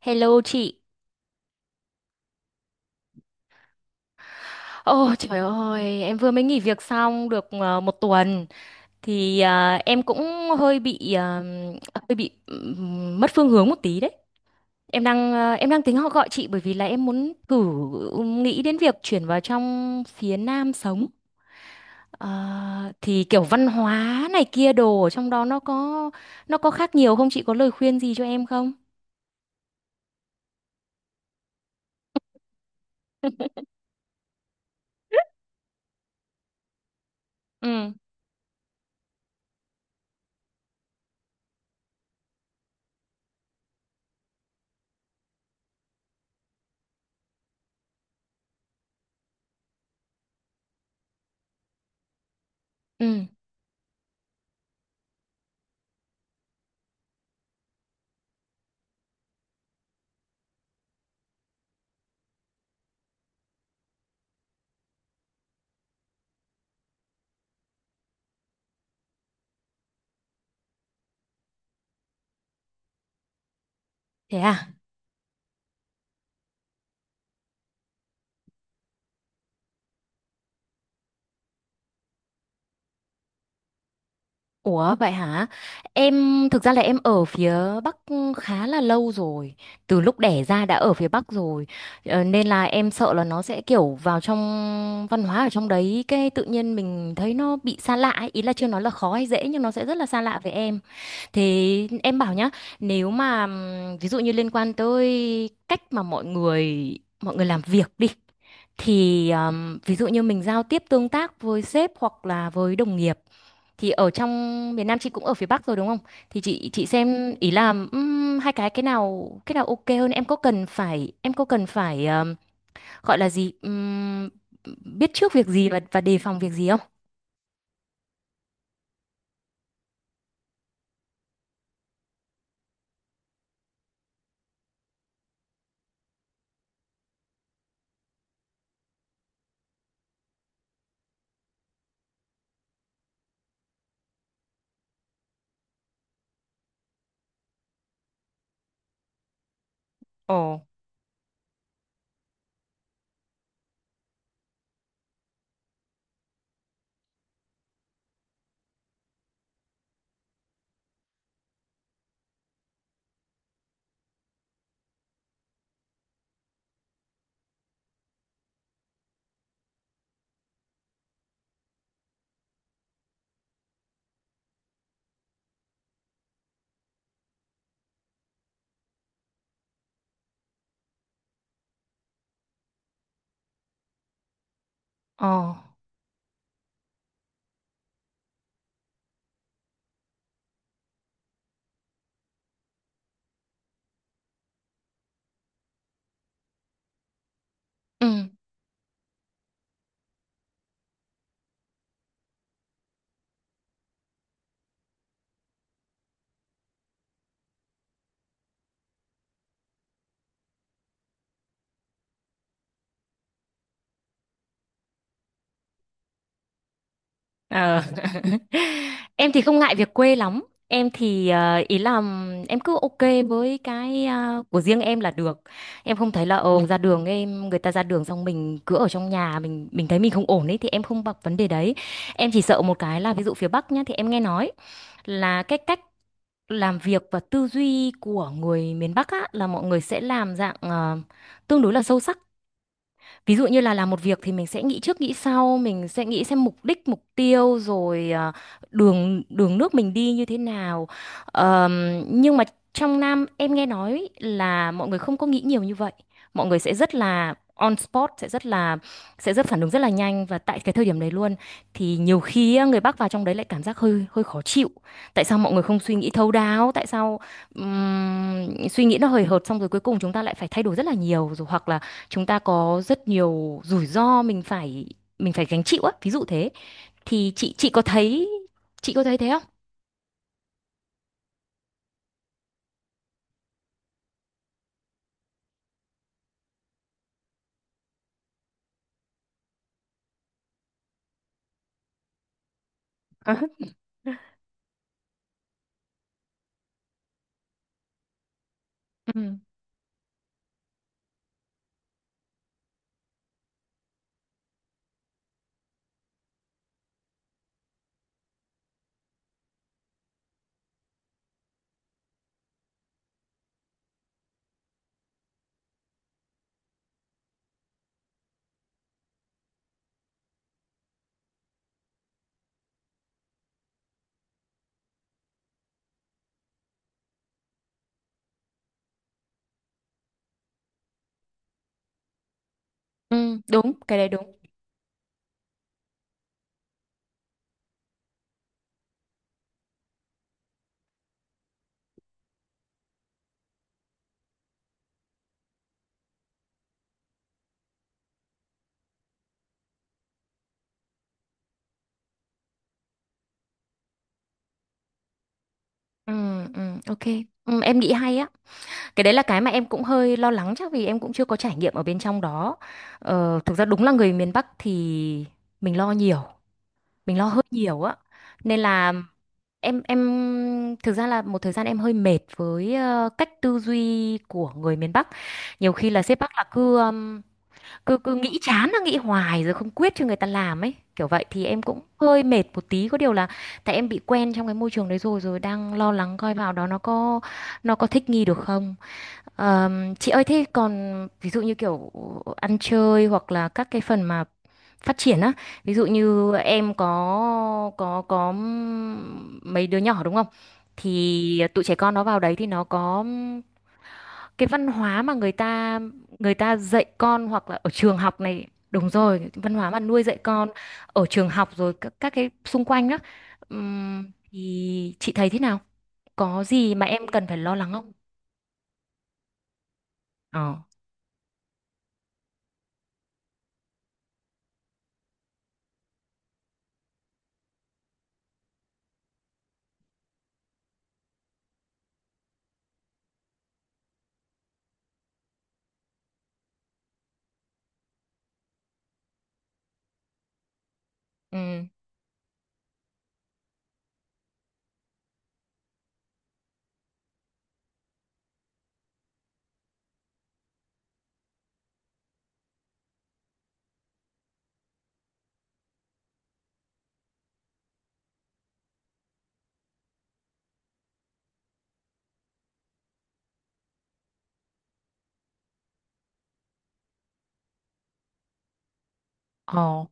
Hello chị. Ồ trời ơi, em vừa mới nghỉ việc xong được một tuần thì em cũng hơi bị ờ, hơi bị mất phương hướng một tí đấy. Em đang tính họ gọi chị bởi vì là em muốn thử nghĩ đến việc chuyển vào trong phía Nam sống. Ờ, thì kiểu văn hóa này kia đồ ở trong đó nó có khác nhiều không? Chị có lời khuyên gì cho em không? Ừ, ừ, thế à? Ủa vậy hả? Em thực ra là em ở phía Bắc khá là lâu rồi. Từ lúc đẻ ra đã ở phía Bắc rồi. Nên là em sợ là nó sẽ kiểu vào trong văn hóa ở trong đấy, cái tự nhiên mình thấy nó bị xa lạ ấy. Ý là chưa nói là khó hay dễ nhưng nó sẽ rất là xa lạ với em. Thế em bảo nhá, nếu mà ví dụ như liên quan tới cách mà mọi người làm việc đi, thì ví dụ như mình giao tiếp tương tác với sếp hoặc là với đồng nghiệp, thì ở trong miền Nam, chị cũng ở phía Bắc rồi đúng không? Thì chị xem, ý là hai cái, cái nào ok hơn, em có cần phải gọi là gì, biết trước việc gì và đề phòng việc gì không? Ồ. Ồ. Ừ. Ờ. Em thì không ngại việc quê lắm. Em thì ý là em cứ ok với cái của riêng em là được. Em không thấy là ờ ra đường em người ta ra đường xong mình cứ ở trong nhà, mình thấy mình không ổn ấy, thì em không bập vấn đề đấy. Em chỉ sợ một cái là ví dụ phía Bắc nhá, thì em nghe nói là cái cách làm việc và tư duy của người miền Bắc á là mọi người sẽ làm dạng tương đối là sâu sắc. Ví dụ như là làm một việc thì mình sẽ nghĩ trước nghĩ sau, mình sẽ nghĩ xem mục đích, mục tiêu, rồi đường đường nước mình đi như thế nào. Nhưng mà trong Nam em nghe nói là mọi người không có nghĩ nhiều như vậy. Mọi người sẽ rất là on spot, sẽ rất phản ứng rất là nhanh và tại cái thời điểm đấy luôn, thì nhiều khi á, người Bắc vào trong đấy lại cảm giác hơi hơi khó chịu. Tại sao mọi người không suy nghĩ thấu đáo? Tại sao suy nghĩ nó hời hợt xong rồi cuối cùng chúng ta lại phải thay đổi rất là nhiều, rồi hoặc là chúng ta có rất nhiều rủi ro mình phải gánh chịu á, ví dụ thế. Thì chị có thấy, chị có thấy thế không? Ừ. Ừ. Ừ, đúng cái đấy đúng. Ừ. Ừ. Ok. Ừ, em nghĩ hay á. Cái đấy là cái mà em cũng hơi lo lắng, chắc vì em cũng chưa có trải nghiệm ở bên trong đó. Thực ra đúng là người miền Bắc thì mình lo nhiều mình lo hơi nhiều á. Nên là em thực ra là một thời gian em hơi mệt với cách tư duy của người miền Bắc, nhiều khi là sếp Bắc là cứ cứ cứ nghĩ chán là nghĩ hoài rồi không quyết cho người ta làm ấy kiểu vậy, thì em cũng hơi mệt một tí. Có điều là tại em bị quen trong cái môi trường đấy rồi rồi đang lo lắng coi vào đó nó có thích nghi được không. Chị ơi, thế còn ví dụ như kiểu ăn chơi hoặc là các cái phần mà phát triển á, ví dụ như em có mấy đứa nhỏ đúng không, thì tụi trẻ con nó vào đấy thì nó có cái văn hóa mà người ta dạy con, hoặc là ở trường học này, đúng rồi, cái văn hóa mà nuôi dạy con ở trường học rồi các cái xung quanh đó. Thì chị thấy thế nào, có gì mà em cần phải lo lắng không? Ờ. Ừ. Ờ.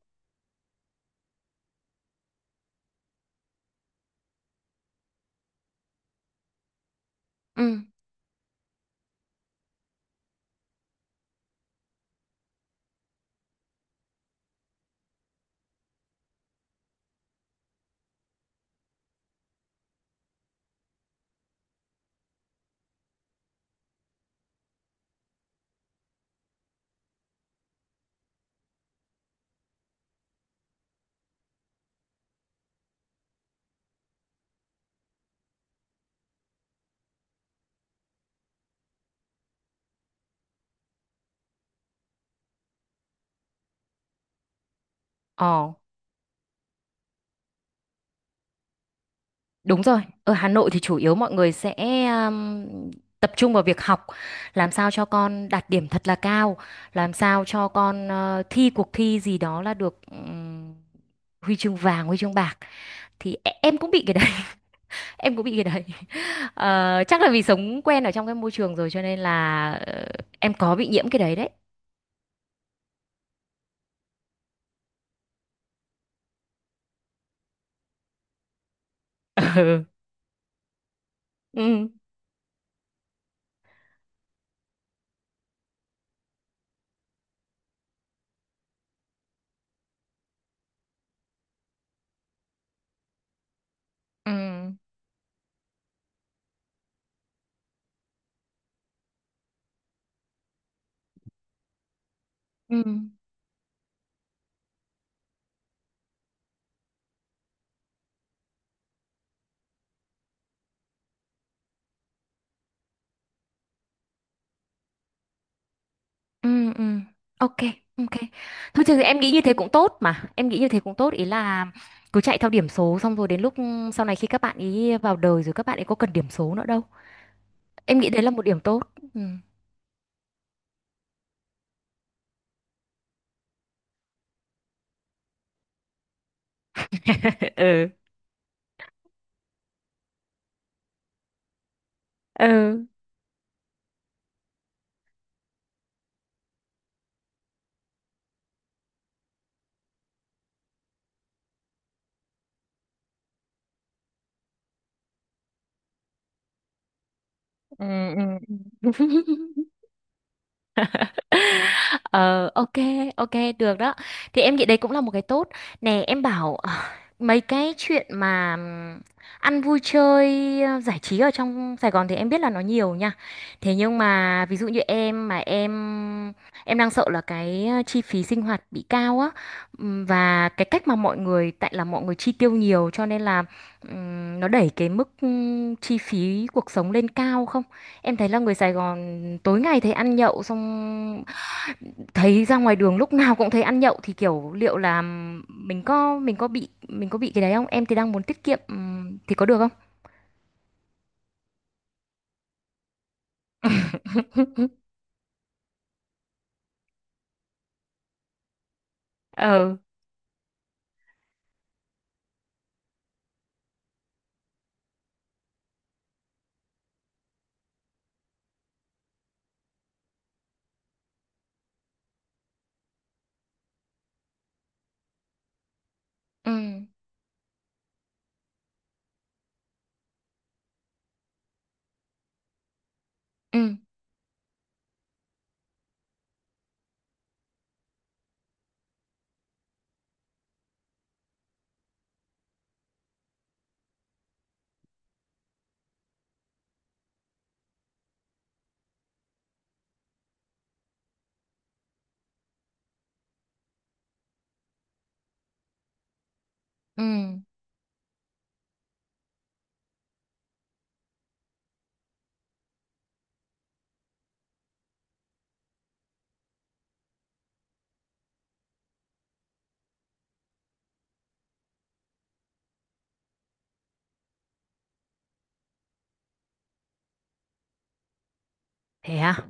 Ừ. Ờ. Đúng rồi, ở Hà Nội thì chủ yếu mọi người sẽ um, tập trung vào việc học, làm sao cho con đạt điểm thật là cao, làm sao cho con thi cuộc thi gì đó là được huy chương vàng, huy chương bạc. Thì em cũng bị cái đấy. Em cũng bị cái đấy. Chắc là vì sống quen ở trong cái môi trường rồi cho nên là em có bị nhiễm cái đấy đấy. Ừ. Ừ. Ừ. Ừ. Ừ. Ừ. Ok, ok, thôi thì em nghĩ như thế cũng tốt, mà em nghĩ như thế cũng tốt, ý là cứ chạy theo điểm số xong rồi đến lúc sau này khi các bạn ý vào đời rồi, các bạn ấy có cần điểm số nữa đâu. Em nghĩ đấy là một điểm tốt. Ừ. Ừ. Ừ. Ừ. Ừ. Ừ. Ờ, ok, ok, được đó. Thì em nghĩ đấy cũng là một cái tốt. Nè, em bảo mấy cái chuyện mà ăn vui chơi, giải trí ở trong Sài Gòn thì em biết là nó nhiều nha. Thế nhưng mà ví dụ như em mà em đang sợ là cái chi phí sinh hoạt bị cao á. Và cái cách mà mọi người, tại là mọi người chi tiêu nhiều, cho nên là nó đẩy cái mức chi phí cuộc sống lên cao không? Em thấy là người Sài Gòn tối ngày thấy ăn nhậu, xong thấy ra ngoài đường lúc nào cũng thấy ăn nhậu, thì kiểu liệu là mình có bị cái đấy không? Em thì đang muốn tiết kiệm, thì có được không? Ờ. Ừ. Ừ. Ừ. Thế à?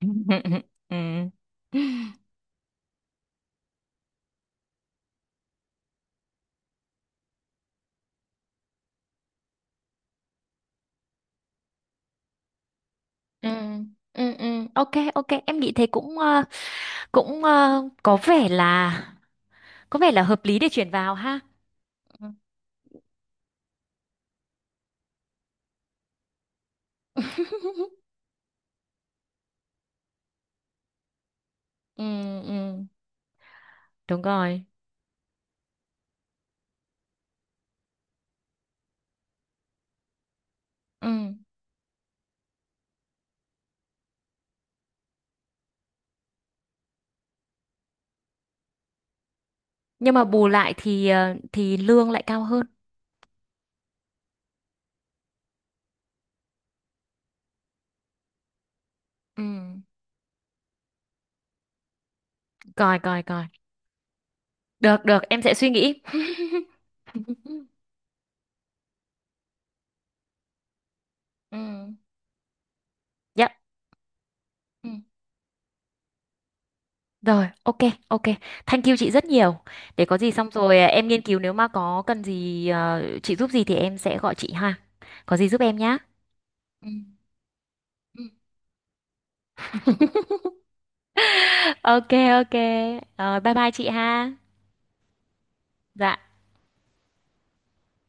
Ừ. Ừ. Ừ. Ừ. Ok, ok, em nghĩ thế cũng có vẻ là hợp lý để chuyển vào ha. Ừ. Ừ. Ừ. Đúng rồi. Ừ. Nhưng mà bù lại thì thì lương lại cao hơn. Ừ. Coi coi coi. Được, được, em sẽ suy nghĩ. Ừ. Dạ. Ừ. Rồi, ok, ok. Thank you chị rất nhiều. Để có gì xong rồi em nghiên cứu, nếu mà có cần gì chị giúp gì thì em sẽ gọi chị ha. Có gì giúp em nhá. Ừ. Ok, ok. Rồi bye bye chị ha. Dạ.